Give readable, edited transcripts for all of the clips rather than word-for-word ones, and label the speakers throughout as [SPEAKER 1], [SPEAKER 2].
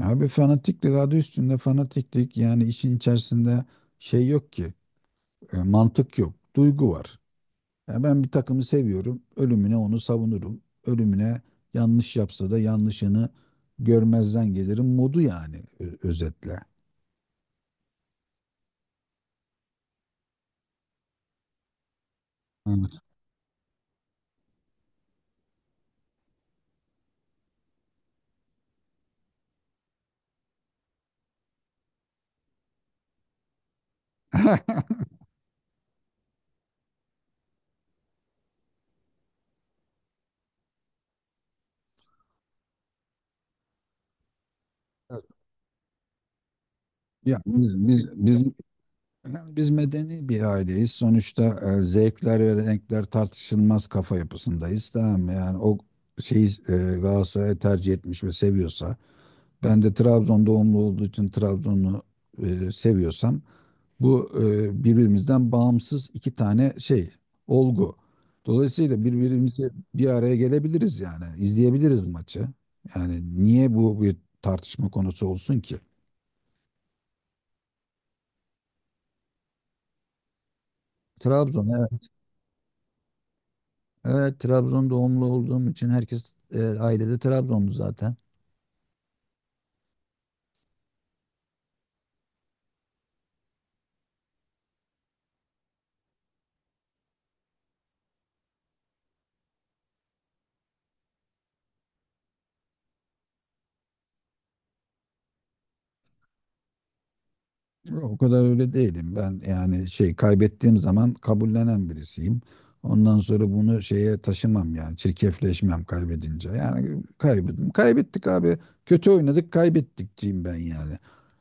[SPEAKER 1] Abi, fanatiklik adı üstünde fanatiklik. Yani işin içerisinde şey yok ki, mantık yok, duygu var. Ya, ben bir takımı seviyorum, ölümüne onu savunurum, ölümüne yanlış yapsa da yanlışını görmezden gelirim modu. Yani özetle. Evet. Ya, biz medeni bir aileyiz. Sonuçta zevkler ve renkler tartışılmaz kafa yapısındayız. Tamam mı? Yani o şeyi, Galatasaray tercih etmiş ve seviyorsa, ben de Trabzon doğumlu olduğu için Trabzon'u seviyorsam, bu birbirimizden bağımsız iki tane şey, olgu. Dolayısıyla birbirimizi bir araya gelebiliriz yani, izleyebiliriz maçı. Yani niye bu bir tartışma konusu olsun ki? Trabzon, evet. Evet, Trabzon doğumlu olduğum için herkes, ailede Trabzonlu zaten. O kadar öyle değilim. Ben yani şey, kaybettiğim zaman kabullenen birisiyim. Ondan sonra bunu şeye taşımam, yani çirkefleşmem kaybedince. Yani kaybettim. Kaybettik abi. Kötü oynadık, kaybettikçiyim ben yani.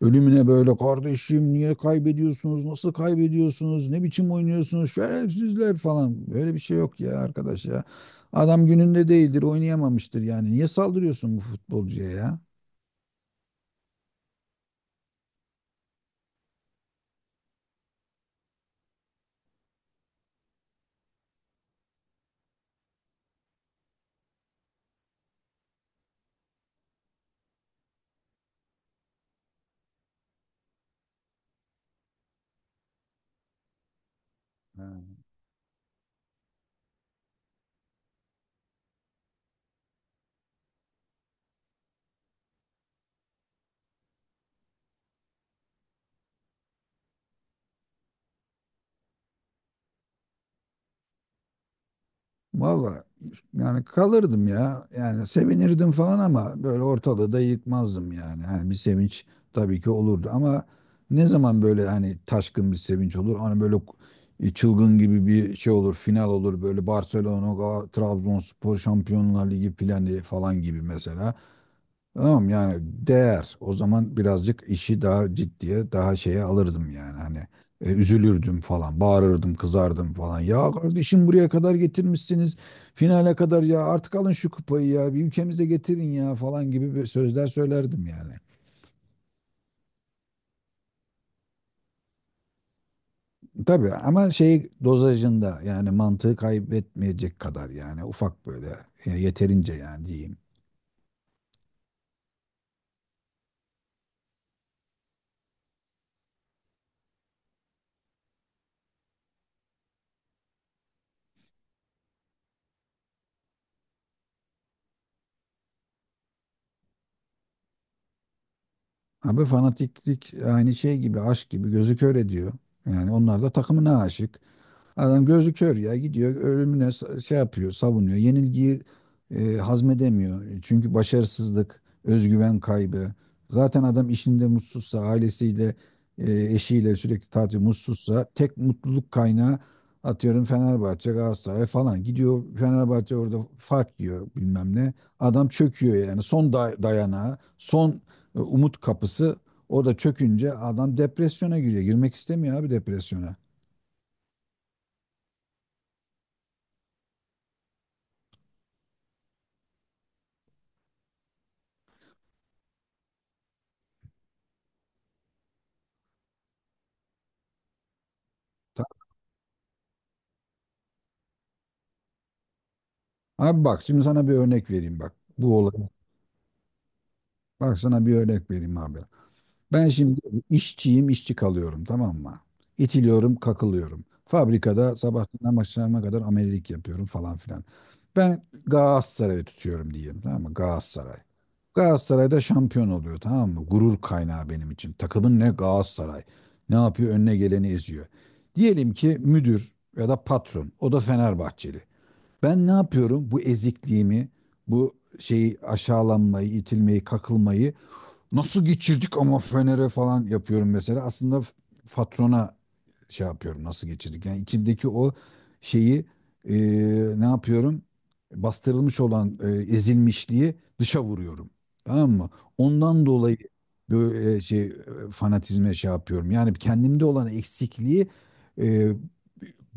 [SPEAKER 1] Ölümüne, böyle kardeşim niye kaybediyorsunuz? Nasıl kaybediyorsunuz? Ne biçim oynuyorsunuz? Şerefsizler falan. Böyle bir şey yok ya arkadaş ya. Adam gününde değildir, oynayamamıştır yani. Niye saldırıyorsun bu futbolcuya ya? Ha. Valla, yani kalırdım ya. Yani sevinirdim falan ama böyle ortalığı da yıkmazdım yani. Hani bir sevinç tabii ki olurdu ama ne zaman böyle hani taşkın bir sevinç olur? Hani böyle çılgın gibi bir şey olur, final olur, böyle Barcelona, Trabzonspor Şampiyonlar Ligi planı falan gibi mesela. Tamam yani, değer. O zaman birazcık işi daha ciddiye, daha şeye alırdım yani. Hani üzülürdüm falan, bağırırdım, kızardım falan. Ya kardeşim, buraya kadar getirmişsiniz. Finale kadar, ya artık alın şu kupayı ya. Bir, ülkemize getirin ya falan gibi bir sözler söylerdim yani. Tabii, ama şey dozajında, yani mantığı kaybetmeyecek kadar, yani ufak böyle, yeterince yani diyeyim. Abi, fanatiklik aynı şey gibi, aşk gibi gözü kör ediyor. Yani onlar da takımına aşık. Adam gözü kör, ya gidiyor ölümüne, şey yapıyor, savunuyor. Yenilgiyi hazmedemiyor. Çünkü başarısızlık, özgüven kaybı. Zaten adam işinde mutsuzsa, ailesiyle, eşiyle sürekli tatil mutsuzsa, tek mutluluk kaynağı, atıyorum Fenerbahçe, Galatasaray falan. Gidiyor Fenerbahçe, orada fark yiyor bilmem ne. Adam çöküyor yani. Son dayanağı, son umut kapısı orada çökünce adam depresyona giriyor. Girmek istemiyor abi depresyona. Abi bak, şimdi sana bir örnek vereyim bak. Bu olay. Bak sana bir örnek vereyim abi. Ben şimdi işçiyim, işçi kalıyorum tamam mı? İtiliyorum, kakılıyorum. Fabrikada sabahtan akşama kadar amelelik yapıyorum falan filan. Ben Galatasaray'ı tutuyorum diyeyim tamam mı? Galatasaray. Galatasaray'da şampiyon oluyor tamam mı? Gurur kaynağı benim için. Takımın ne? Galatasaray. Ne yapıyor? Önüne geleni eziyor. Diyelim ki müdür ya da patron. O da Fenerbahçeli. Ben ne yapıyorum? Bu ezikliğimi, bu şeyi, aşağılanmayı, itilmeyi, kakılmayı, nasıl geçirdik ama Fener'e falan yapıyorum mesela. Aslında patrona şey yapıyorum, nasıl geçirdik. Yani içimdeki o şeyi, e, ne yapıyorum? Bastırılmış olan ezilmişliği dışa vuruyorum. Tamam mı? Ondan dolayı böyle şey, fanatizme şey yapıyorum. Yani kendimde olan eksikliği, e,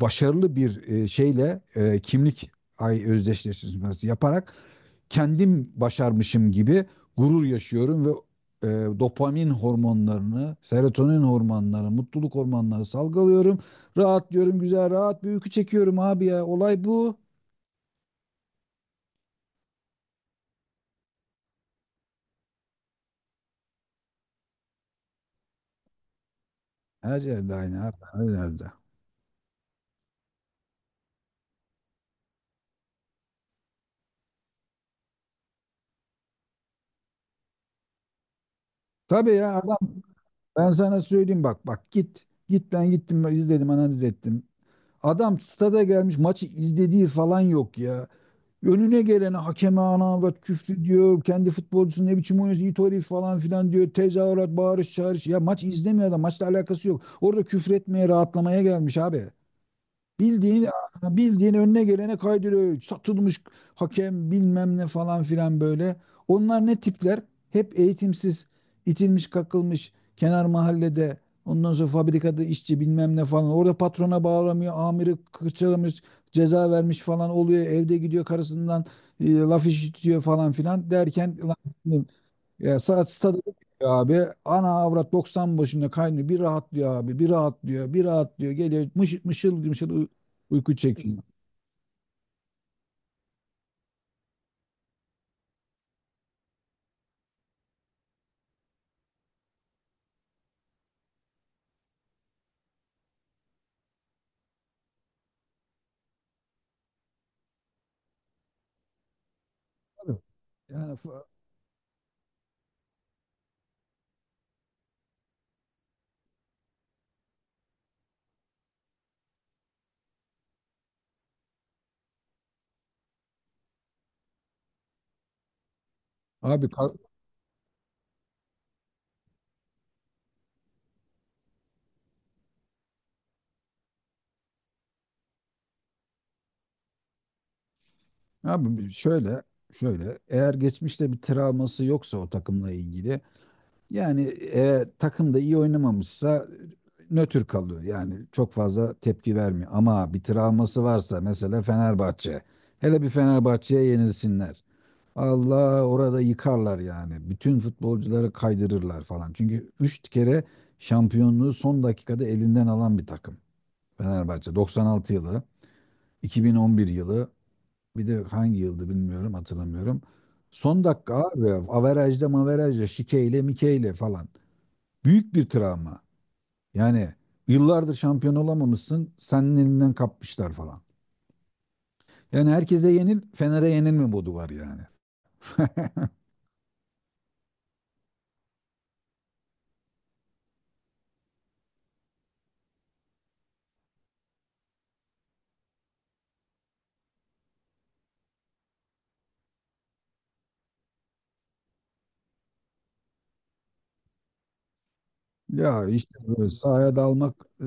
[SPEAKER 1] başarılı bir şeyle, kimlik ay özdeşleştirmesi yaparak kendim başarmışım gibi gurur yaşıyorum ve e, dopamin hormonlarını, serotonin hormonları, mutluluk hormonları salgılıyorum. Rahatlıyorum, güzel rahat bir uyku çekiyorum abi ya. Olay bu. Her yerde aynı abi, her yerde. Tabii ya, adam, ben sana söyleyeyim bak, bak git. Git, ben gittim, ben izledim, analiz ettim. Adam stada gelmiş, maçı izlediği falan yok ya. Önüne gelene, hakeme, anaavrat küfür diyor. Kendi futbolcusu, ne biçim oynuyorsun it herif falan filan diyor. Tezahürat, bağırış, çağırış. Ya maç izlemiyor adam. Maçla alakası yok. Orada küfür etmeye, rahatlamaya gelmiş abi. Bildiğin bildiğin önüne gelene kaydırıyor. Satılmış hakem bilmem ne falan filan böyle. Onlar ne tipler? Hep eğitimsiz, itilmiş, kakılmış kenar mahallede. Ondan sonra fabrikada işçi bilmem ne falan. Orada patrona bağlamıyor, amiri kırçalamış, ceza vermiş falan oluyor. Evde gidiyor karısından laf işitiyor falan filan derken, lan ya saat stada gidiyor abi. Ana avrat 90 başında kaynıyor. Bir rahatlıyor abi. Bir rahatlıyor. Bir rahatlıyor. Geliyor mışıl mışıl, mışıl uyku çekiyor. Tabii. Yani abi, abi, şöyle eğer geçmişte bir travması yoksa o takımla ilgili, yani eğer takım da iyi oynamamışsa nötr kalıyor. Yani çok fazla tepki vermiyor. Ama bir travması varsa, mesela Fenerbahçe. Hele bir Fenerbahçe'ye yenilsinler. Allah, orada yıkarlar yani. Bütün futbolcuları kaydırırlar falan. Çünkü 3 kere şampiyonluğu son dakikada elinden alan bir takım. Fenerbahçe 96 yılı, 2011 yılı, bir de hangi yıldı bilmiyorum, hatırlamıyorum. Son dakika abi, averajda maverajda, şikeyle mikeyle falan. Büyük bir travma. Yani yıllardır şampiyon olamamışsın, senin elinden kapmışlar falan. Yani herkese yenil, Fener'e yenilme modu var yani. Ya işte böyle sahaya dalmak, e,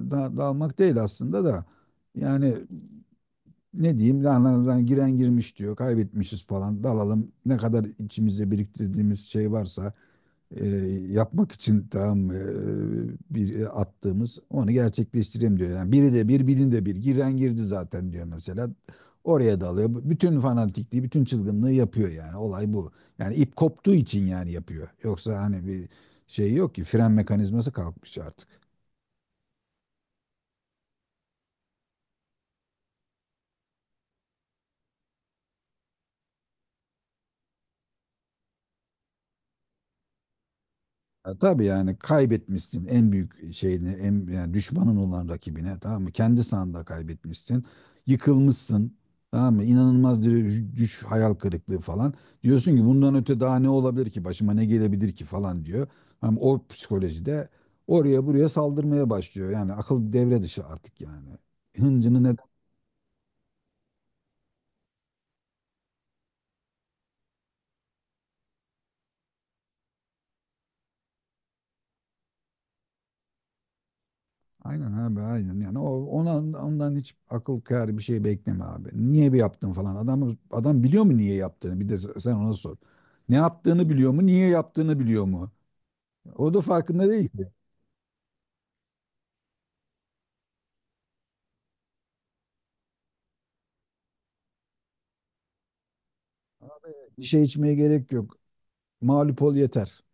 [SPEAKER 1] da- dalmak değil aslında da, yani ne diyeyim, giren girmiş diyor, kaybetmişiz falan, dalalım, ne kadar içimizde biriktirdiğimiz şey varsa e, yapmak için, tamam mı, bir attığımız onu gerçekleştireyim diyor. Yani biri de bir bilin de bir giren girdi zaten diyor mesela. Oraya dalıyor. Bütün fanatikliği, bütün çılgınlığı yapıyor yani. Olay bu. Yani ip koptuğu için yani yapıyor. Yoksa hani bir şey yok ki, fren mekanizması kalkmış artık. Ya tabii, yani kaybetmişsin en büyük şeyini, en yani düşmanın olan rakibine tamam mı? Kendi sahanda kaybetmişsin. Yıkılmışsın. Tamam mı? İnanılmaz, düş, hayal kırıklığı falan. Diyorsun ki bundan öte daha ne olabilir ki? Başıma ne gelebilir ki falan diyor. Ama o psikolojide oraya buraya saldırmaya başlıyor. Yani akıl devre dışı artık yani. Hıncını ne Aynen abi, aynen yani, o ona, ondan hiç akıl kârı bir şey bekleme abi. Niye bir yaptın falan. Adam biliyor mu niye yaptığını? Bir de sen ona sor. Ne yaptığını biliyor mu? Niye yaptığını biliyor mu? O da farkında değil ki. Bir şey içmeye gerek yok. Mağlup ol yeter.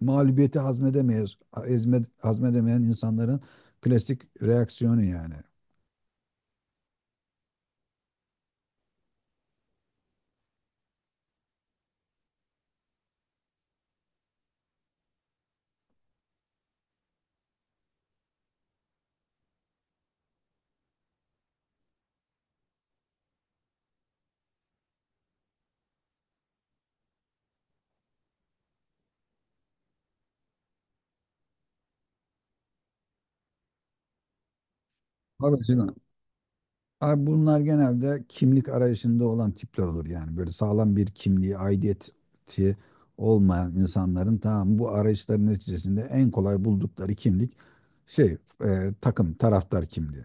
[SPEAKER 1] Mağlubiyeti hazmedemeyiz. Ezme, hazmedemeyen insanların klasik reaksiyonu yani. Abi Abi, bunlar genelde kimlik arayışında olan tipler olur yani. Böyle sağlam bir kimliği, aidiyeti olmayan insanların, tamam, bu arayışların neticesinde en kolay buldukları kimlik, şey, takım, taraftar kimliği.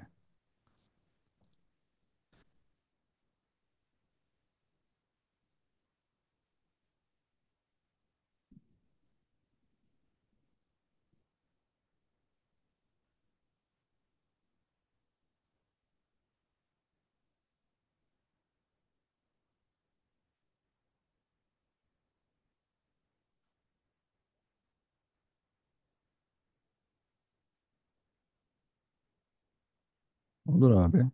[SPEAKER 1] Olur abi.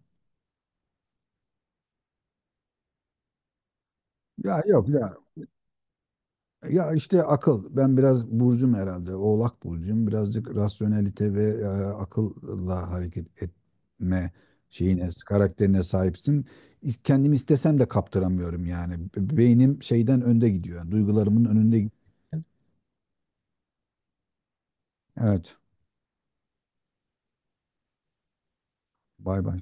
[SPEAKER 1] Ya yok ya. Ya işte, akıl. Ben biraz burcum herhalde. Oğlak burcum. Birazcık rasyonelite ve akılla hareket etme şeyine, karakterine sahipsin. Kendim istesem de kaptıramıyorum yani. Beynim şeyden önde gidiyor, yani duygularımın önünde gidiyor. Evet. Bay bay.